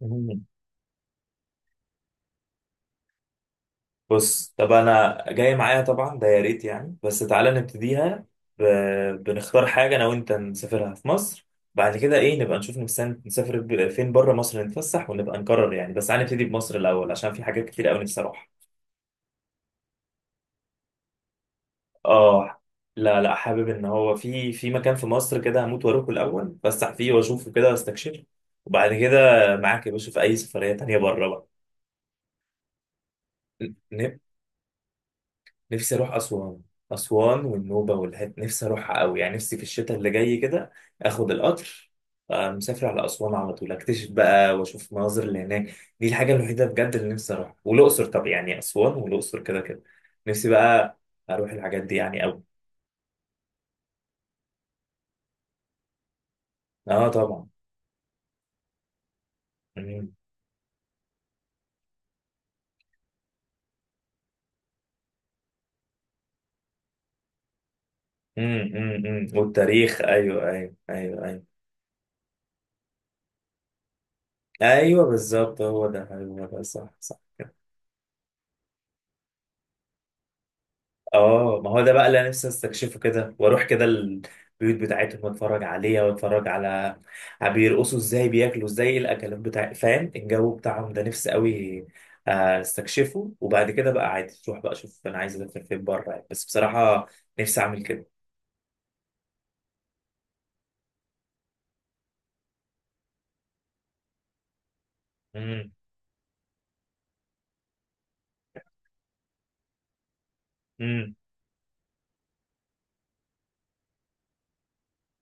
مم. بص، طب انا جاي، معايا طبعا ده يا ريت، يعني بس تعالى نبتديها ب... بنختار حاجه انا وانت نسافرها في مصر. بعد كده ايه؟ نبقى نشوف نفسنا نسافر فين بره مصر، نتفسح ونبقى نقرر، يعني بس تعالى نبتدي بمصر الاول عشان في حاجات كتير قوي نفسي اروحها. اه. لا لا، حابب ان هو في مكان في مصر كده هموت واروحه الاول، اتفسح فيه واشوفه كده واستكشفه. وبعد كده معاك يا باشا في اي سفريه تانيه بره. بقى نفسي اروح اسوان. اسوان والنوبه والهد نفسي اروحها قوي، يعني نفسي في الشتاء اللي جاي كده اخد القطر، مسافر على اسوان على طول، اكتشف بقى واشوف المناظر اللي هناك. دي الحاجه الوحيده بجد اللي نفسي اروحها، والاقصر. طب يعني اسوان والاقصر كده كده. نفسي بقى اروح الحاجات دي يعني قوي. اه، طبعا. امم. امم. والتاريخ، ايوه ايوه ايوه ايوه. ايوه بالظبط، هو ده هو ده صح. اه، ما هو ده بقى اللي انا نفسي استكشفه، كده واروح كده البيوت بتاعتهم واتفرج عليها، واتفرج على بيرقصوا ازاي، بياكلوا ازاي، إيه الاكلات بتاع، فاهم الجو بتاعهم ده، نفسي قوي استكشفه. وبعد كده بقى عادي تروح، بقى اشوف انا عايز اسافر فين بره يعني. بس بصراحة نفسي اعمل كده. امم. امم.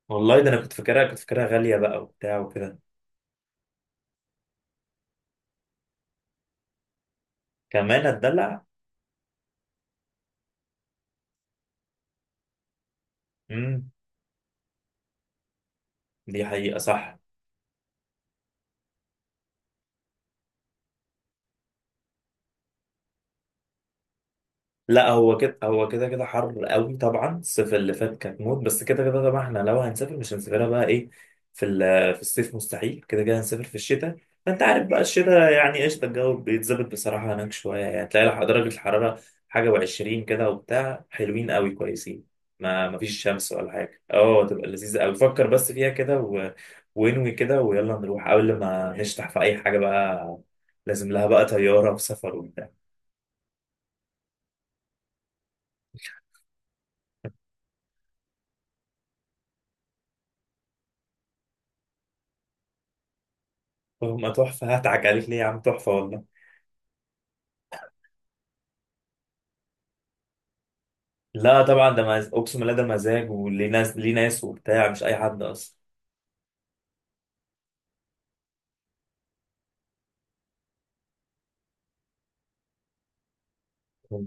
والله ده انا كنت فاكرها غالية بقى وبتاع وكده. كمان اتدلع. امم. دي حقيقة، صح. لا، هو كده هو كده كده حر قوي طبعا، الصيف اللي فات كانت موت، بس كده كده طبعا احنا لو هنسافر، مش هنسافرها بقى ايه في الصيف، مستحيل، كده كده هنسافر في الشتاء. فانت عارف بقى الشتاء يعني قشطه، الجو بيتظبط بصراحه هناك شويه، يعني تلاقي درجه الحراره حاجه وعشرين كده وبتاع، حلوين قوي كويسين. ما فيش شمس ولا حاجه، اه تبقى لذيذه قوي، فكر بس فيها كده وانوي كده، ويلا نروح قبل ما نشتح في اي حاجه بقى، لازم لها بقى طياره وسفر وبتاع. هما تحفة، هضحك عليك ليه يا عم؟ تحفة والله. لا طبعا، ده أقسم بالله ده مزاج، وليه ناس، ليه ناس وبتاع، مش أي حد أصلا. مم.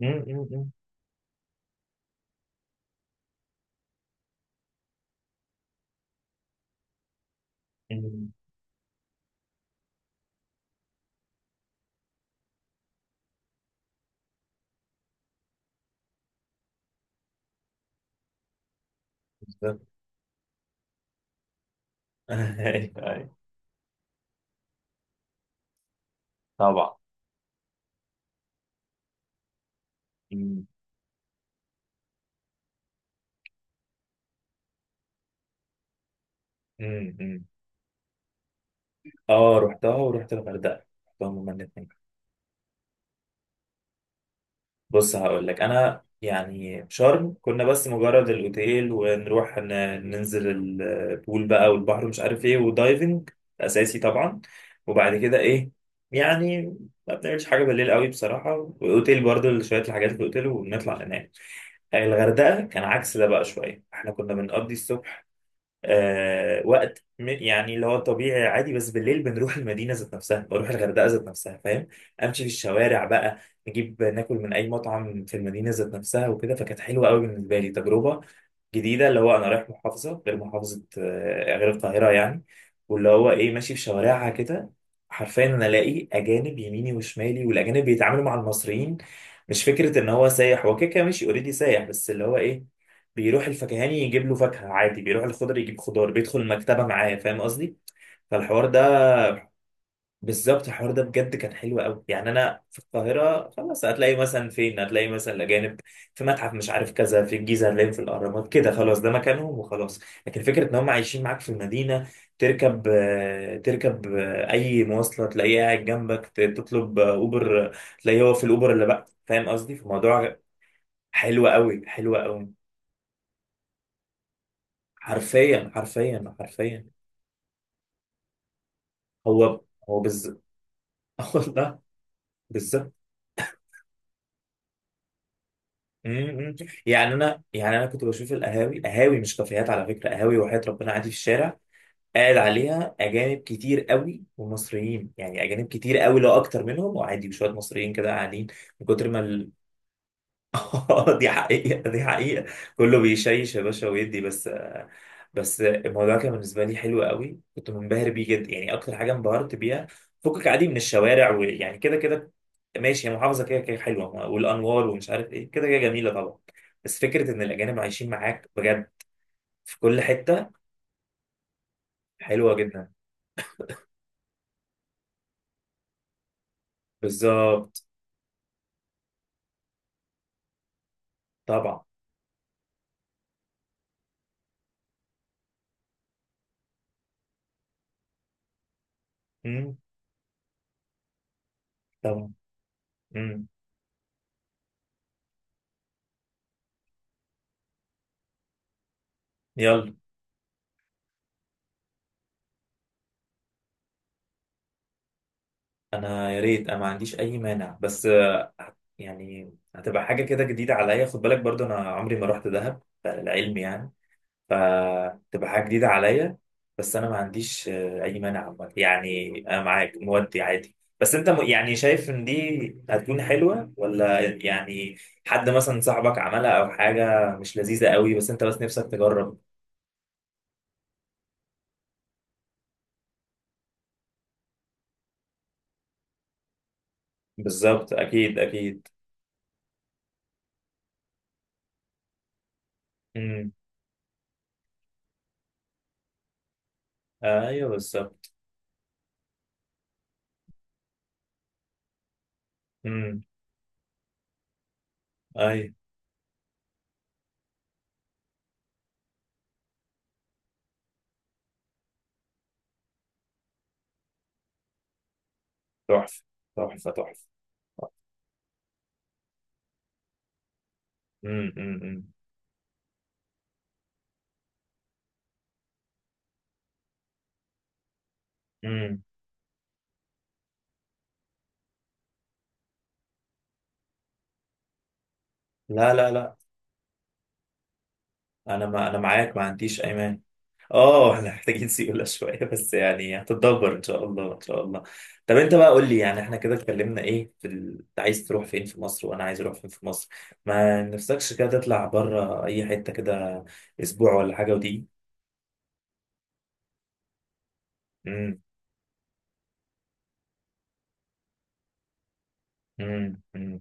مم. مم. مم. بالظبط. أيوه أيوه. طبعا. مم. مم. مم. اه، رحتها ورحت الغردقة، رحتهم هما الاتنين. بص هقول لك، انا يعني شرم كنا بس مجرد الاوتيل، ونروح ننزل البول بقى والبحر، مش عارف ايه، ودايفنج اساسي طبعا. وبعد كده ايه، يعني ما بنعملش حاجه بالليل قوي بصراحه، واوتيل برضو شويه الحاجات في الاوتيل ونطلع ننام. الغردقه كان عكس ده بقى شويه، احنا كنا بنقضي الصبح وقت يعني اللي هو طبيعي عادي، بس بالليل بنروح المدينة ذات نفسها، بروح الغردقة ذات نفسها فاهم، امشي في الشوارع بقى، نجيب ناكل من اي مطعم في المدينة ذات نفسها وكده، فكانت حلوة قوي بالنسبة لي. تجربة جديده، اللي هو انا رايح محافظه، غير محافظه غير القاهره يعني، واللي هو ايه ماشي في شوارعها كده. حرفيا انا الاقي اجانب يميني وشمالي، والاجانب بيتعاملوا مع المصريين، مش فكره ان هو سايح، هو كده كده ماشي اوريدي سايح، بس اللي هو ايه، بيروح الفكهاني يجيب له فاكهه عادي، بيروح الخضر يجيب خضار، بيدخل المكتبه معاه، فاهم قصدي، فالحوار ده. بالظبط، الحوار ده بجد كان حلو قوي، يعني انا في القاهره خلاص، هتلاقي مثلا فين، هتلاقي مثلا الاجانب في متحف، مش عارف كذا، في الجيزه هتلاقيهم في الاهرامات كده، خلاص ده مكانهم وخلاص. لكن فكره ان هم عايشين معاك في المدينه، تركب اي مواصله تلاقيه قاعد جنبك، تطلب اوبر، تلاقيه هو في الاوبر اللي بقى، فاهم قصدي؟ فالموضوع حلو قوي، حلو قوي. حرفيا حرفيا حرفيا. هو هو بالظبط. والله. بالظبط. مم. يعني انا كنت بشوف القهاوي، قهاوي مش كافيهات على فكره، قهاوي، وحياة ربنا عادي في الشارع قاعد عليها اجانب كتير قوي ومصريين، يعني اجانب كتير قوي، لو اكتر منهم، وعادي وشويه مصريين كده قاعدين من كتر ما. دي حقيقة، دي حقيقة. كله بيشيش يا باشا ويدي بس. بس الموضوع كان بالنسبة لي حلو قوي، كنت منبهر بيه جدا يعني، أكتر حاجة انبهرت بيها، فكك عادي من الشوارع، ويعني كده كده ماشي، هي محافظة كده كده حلوة والأنوار ومش عارف إيه، كده كده جميلة طبعا، بس فكرة إن الأجانب عايشين معاك بجد في كل حتة. حلوة جدا. بالظبط. طبعا. امم. طبعا. امم. يلا. انا يا ريت، انا ما عنديش اي مانع، بس يعني هتبقى حاجه كده جديده عليا، خد بالك برضو انا عمري ما رحت دهب للعلم يعني، فتبقى حاجه جديده عليا. بس انا ما عنديش اي مانع عامة. يعني انا معاك مودي عادي، بس انت يعني شايف ان دي هتكون حلوه ولا يعني، حد مثلا صاحبك عملها، او حاجه مش لذيذه قوي، بس انت بس نفسك تجرب. بالظبط. اكيد اكيد. امم. ايوه بالظبط. امم. ايوه. تحفه. تحفه تحفه. امم امم امم. لا لا لا، انا، ما انا معاك ما عنديش ايمان. اه احنا محتاجين سيولة شوية بس يعني، هتتدبر ان شاء الله ان شاء الله. طب انت بقى قول لي، يعني احنا كده اتكلمنا ايه في انت عايز تروح فين في مصر، وانا عايز اروح فين في مصر، ما نفسكش كده تطلع بره اي حتة كده اسبوع ولا حاجة ودي؟ امم. امم.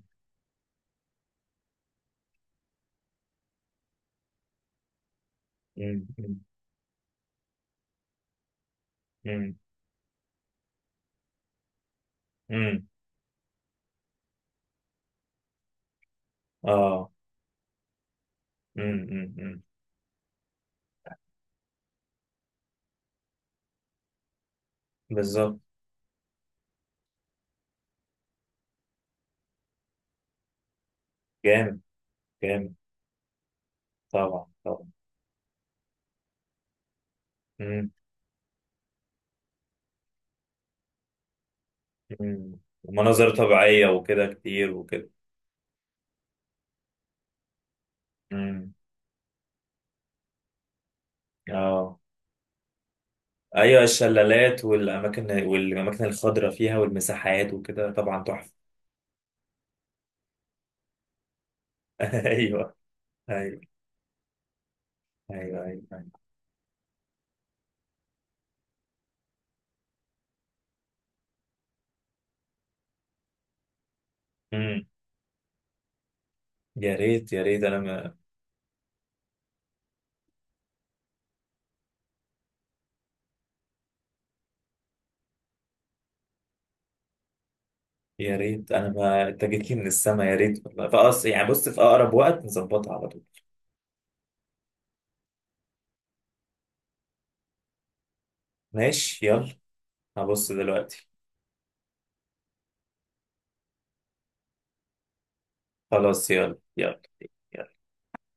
امم. امم امم. اه. امم. امم. بالظبط. جامد. جامد. طبعا. طبعا. مم. ومناظر طبيعية وكده كتير وكده. مم. اه. ايوه، الشلالات والاماكن، والاماكن الخضراء فيها والمساحات وكده، طبعا تحفة. ايوه ايوه. ايوه ايوه, أيوة. مم. يا ريت يا ريت انا ما يا ريت انا ما انت جيت لي من السما، يا ريت والله، فأص يعني بص، في اقرب وقت نظبطها على طول. ماشي يلا. هبص دلوقتي. خلاص يلا يلا.